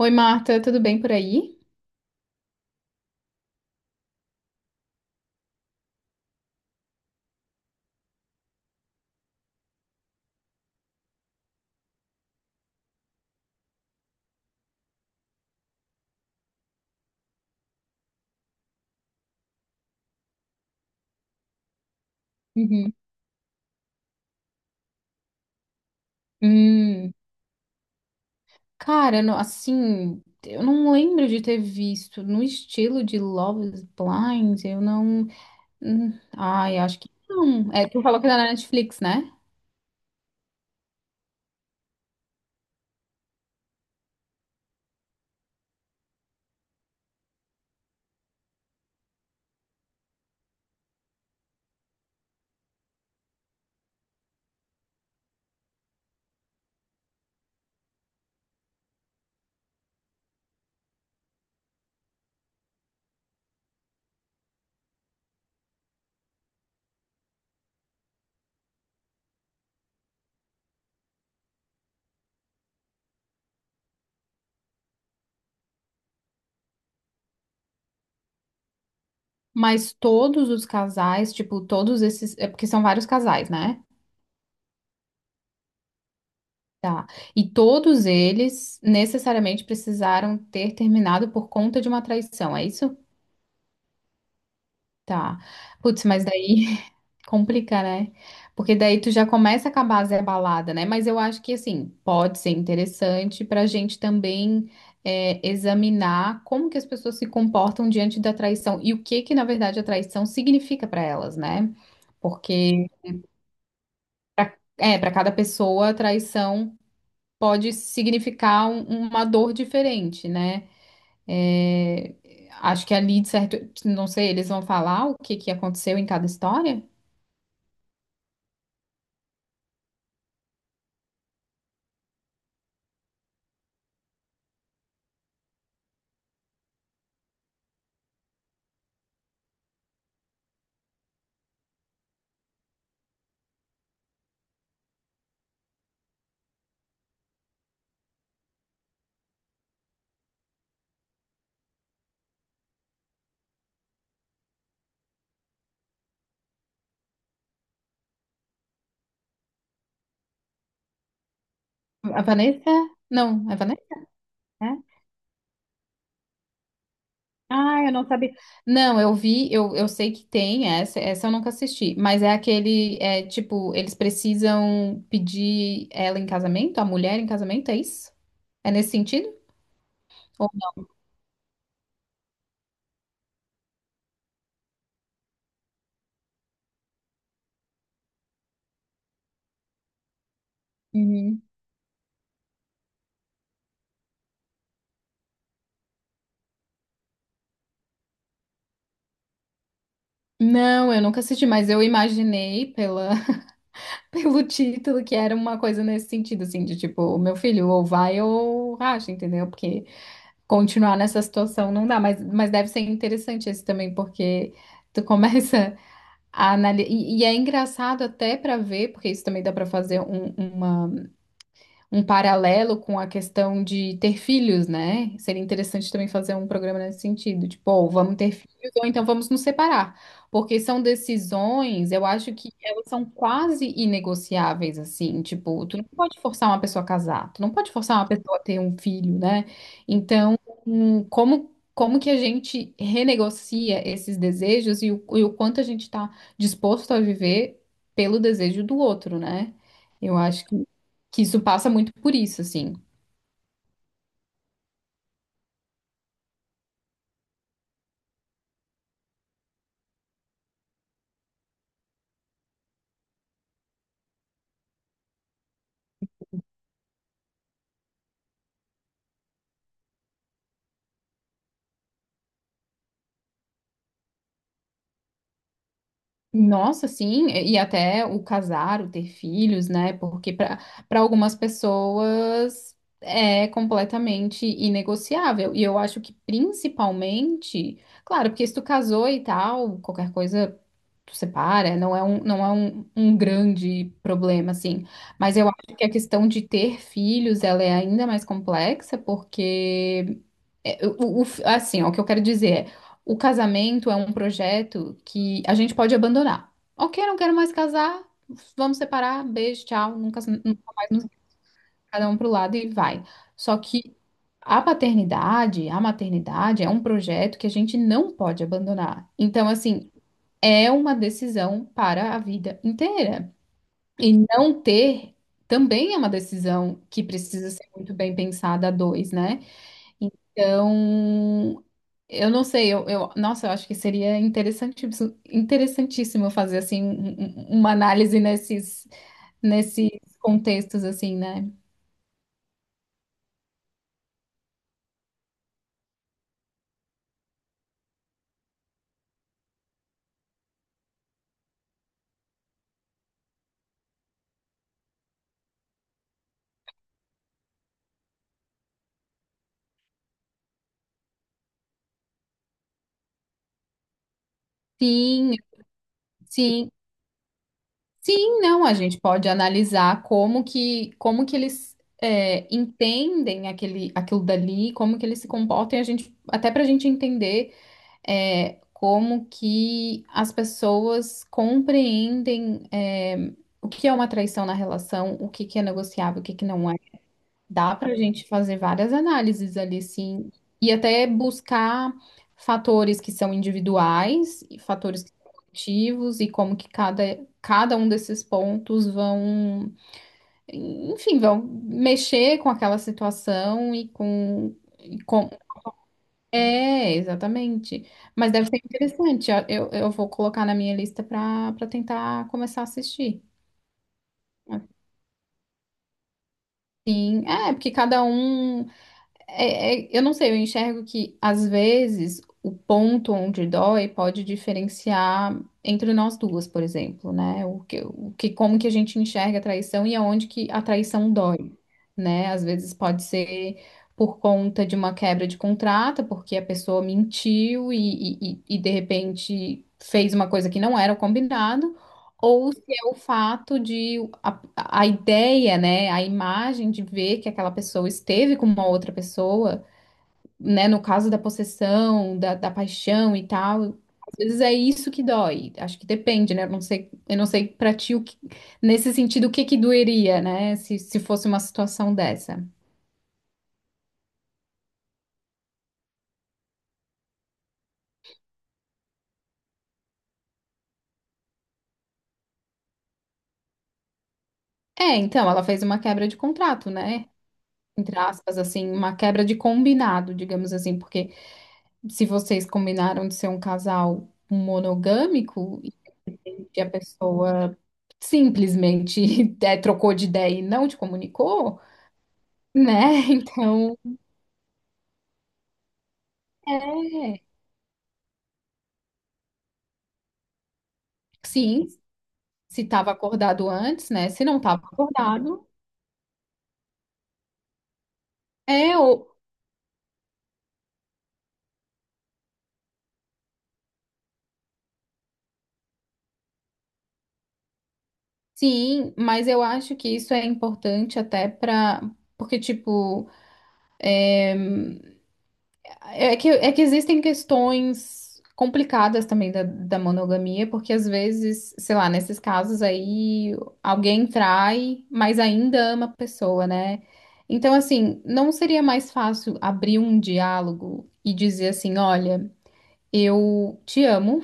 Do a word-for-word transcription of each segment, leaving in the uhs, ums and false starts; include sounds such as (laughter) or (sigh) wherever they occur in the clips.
Oi, Marta, tudo bem por aí? Uhum. Hum, cara, não- assim, eu não lembro de ter visto no estilo de Love is Blind, eu não. Hum, ai, acho que não. É, tu falou que era na Netflix, né? Mas todos os casais, tipo, todos esses. É porque são vários casais, né? Tá. E todos eles necessariamente precisaram ter terminado por conta de uma traição, é isso? Tá. Putz, mas daí (laughs) complica, né? Porque daí tu já começa com a base a abalada, né? Mas eu acho que, assim, pode ser interessante para a gente também é, examinar como que as pessoas se comportam diante da traição e o que que, na verdade, a traição significa para elas, né? Porque, pra- é, para cada pessoa, a traição pode significar um- uma dor diferente, né? É, acho que ali, de certo, não sei, eles vão falar o que que aconteceu em cada história? A Vanessa? Não, é Vanessa? É? Ah, eu não sabia. Não, eu vi, eu, eu sei que tem essa, essa eu nunca assisti, mas é aquele, é tipo, eles precisam pedir ela em casamento, a mulher em casamento, é isso? É nesse sentido? Ou- Uhum. Não, eu nunca assisti, mas eu imaginei pela, (laughs) pelo título que era uma coisa nesse sentido, assim, de tipo, meu filho, ou vai ou racha, entendeu? Porque continuar nessa situação não dá, mas, mas deve ser interessante esse também, porque tu começa. a anali- E, e é engraçado até para ver, porque isso também dá para fazer um- uma um paralelo com a questão de ter filhos, né? Seria interessante também fazer um programa nesse sentido, tipo, ou vamos ter filhos ou então vamos nos separar, porque são decisões, eu acho que elas são quase inegociáveis, assim, tipo, tu não pode forçar uma pessoa a casar, tu não pode forçar uma pessoa a ter um filho, né? Então, hum, como como que a gente renegocia esses desejos e o, e o quanto a gente está disposto a viver pelo desejo do outro, né? Eu acho que que isso passa muito por isso, assim. Nossa, sim, e até o casar, o ter filhos, né? Porque para para algumas pessoas é completamente inegociável. E eu acho que principalmente, claro, porque se tu casou e tal, qualquer coisa tu separa, não é um, não é um, um grande problema, assim. Mas eu acho que a questão de ter filhos, ela é ainda mais complexa, porque é, o- o- assim, ó, o que eu quero dizer é, o casamento é um projeto que a gente pode abandonar. Ok, não quero mais casar, vamos separar, beijo, tchau, nunca, nunca mais nos cada um pro lado e vai. Só que a paternidade, a maternidade é um projeto que a gente não pode abandonar. Então, assim, é uma decisão para a vida inteira. E não ter também é uma decisão que precisa ser muito bem pensada a dois, né? Então, eu não sei, eu, eu- nossa, eu acho que seria interessantíssimo, interessantíssimo fazer assim um- um- um, uma análise nesses nesses contextos assim, né? Sim, sim, sim, não, a gente pode analisar como que como que eles é, entendem aquele aquilo dali, como que eles se comportam, e a gente até para a gente entender é, como que as pessoas compreendem é, o que é uma traição na relação, o que que é negociável, o que que não é. Dá para a gente fazer várias análises ali, sim, e até buscar fatores que são individuais, e fatores que são coletivos e como que cada, cada um desses pontos vão, enfim, vão mexer com aquela situação e com, e com é, exatamente. Mas deve ser interessante. Ó, Eu, eu vou colocar na minha lista para para tentar começar a assistir. Assim, é, porque cada um É- é- eu não sei, eu enxergo que às vezes o ponto onde dói pode diferenciar entre nós duas, por exemplo, né? O que, o que, como que a gente enxerga a traição e aonde que a traição dói, né? Às vezes pode ser por conta de uma quebra de contrato, porque a pessoa mentiu e, e, e e, de repente fez uma coisa que não era o combinado, ou se é o fato de a ideia, né, a imagem de ver que aquela pessoa esteve com uma outra pessoa, né, no caso da possessão, da, da paixão e tal, às vezes é isso que dói. Acho que depende, né? Eu não sei, eu não sei pra ti o que- nesse sentido o que que doeria, né, se, se fosse uma situação dessa. É, então, ela fez uma quebra de contrato, né? Entre aspas, assim, uma quebra de combinado, digamos assim, porque se vocês combinaram de ser um casal monogâmico e a pessoa simplesmente (laughs) é, trocou de ideia e não te comunicou, né? (laughs) Então, é, sim, se estava acordado antes, né? Se não estava acordado, é ou sim, mas eu acho que isso é importante até para porque tipo É que, é que existem questões complicadas também da, da monogamia, porque às vezes, sei lá, nesses casos aí, alguém trai, mas ainda ama a pessoa, né? Então, assim, não seria mais fácil abrir um diálogo e dizer assim: olha, eu te amo,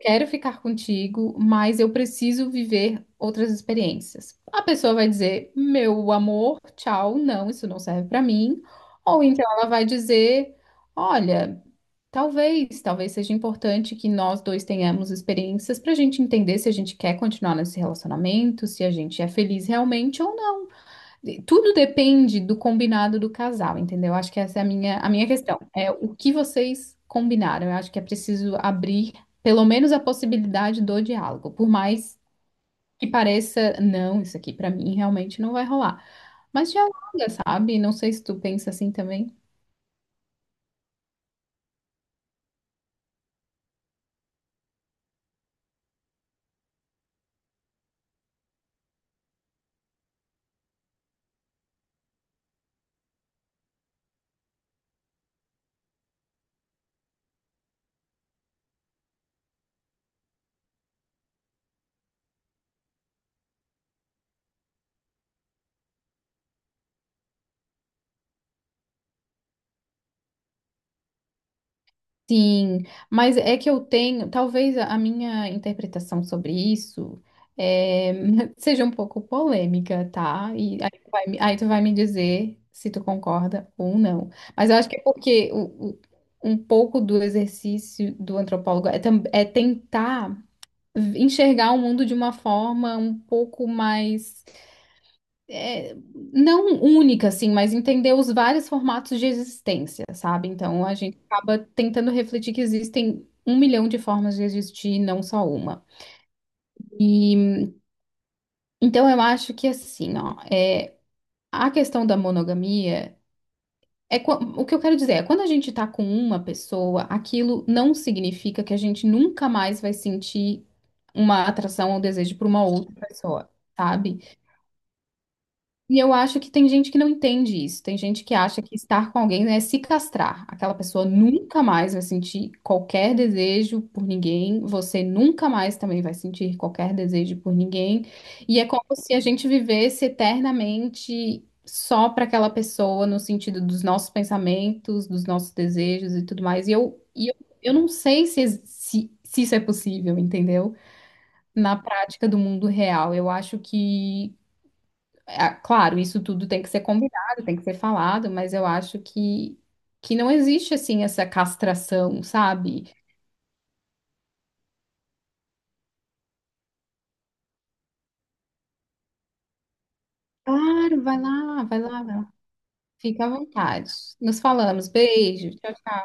quero ficar contigo, mas eu preciso viver outras experiências. A pessoa vai dizer: meu amor, tchau, não, isso não serve pra mim. Ou então ela vai dizer: olha. Talvez, talvez seja importante que nós dois tenhamos experiências para a gente entender se a gente quer continuar nesse relacionamento, se a gente é feliz realmente ou não. E tudo depende do combinado do casal, entendeu? Acho que essa é a minha, a minha questão. É o que vocês combinaram. Eu acho que é preciso abrir pelo menos a possibilidade do diálogo, por mais que pareça, não, isso aqui para mim realmente não vai rolar. Mas dialoga, sabe? Não sei se tu pensa assim também. Sim, mas é que eu tenho, talvez a a minha interpretação sobre isso é, (laughs) seja um pouco polêmica, tá? E aí tu vai, me- aí tu vai me dizer se tu concorda ou não. Mas eu acho que é porque o- o- um pouco do exercício do antropólogo é, tam- é tentar enxergar o mundo de uma forma um pouco mais é, não única, assim, mas entender os vários formatos de existência, sabe? Então a gente acaba tentando refletir que existem um milhão de formas de existir, não só uma. E então eu acho que assim, ó, é, a questão da monogamia é qua- o que eu quero dizer é quando a gente tá com uma pessoa, aquilo não significa que a gente nunca mais vai sentir uma atração ou desejo por uma outra pessoa, sabe? E eu acho que tem gente que não entende isso. Tem gente que acha que estar com alguém né, é se castrar. Aquela pessoa nunca mais vai sentir qualquer desejo por ninguém. Você nunca mais também vai sentir qualquer desejo por ninguém. E é como se a gente vivesse eternamente só para aquela pessoa, no sentido dos nossos pensamentos, dos nossos desejos e tudo mais. E eu, e eu, eu não sei se, se, se isso é possível, entendeu? Na prática do mundo real. Eu acho que ah, claro, isso tudo tem que ser combinado, tem que ser falado, mas eu acho que, que não existe assim essa castração, sabe? Claro, vai lá, vai lá, vai lá. Fica à vontade. Nos falamos. Beijo. Tchau,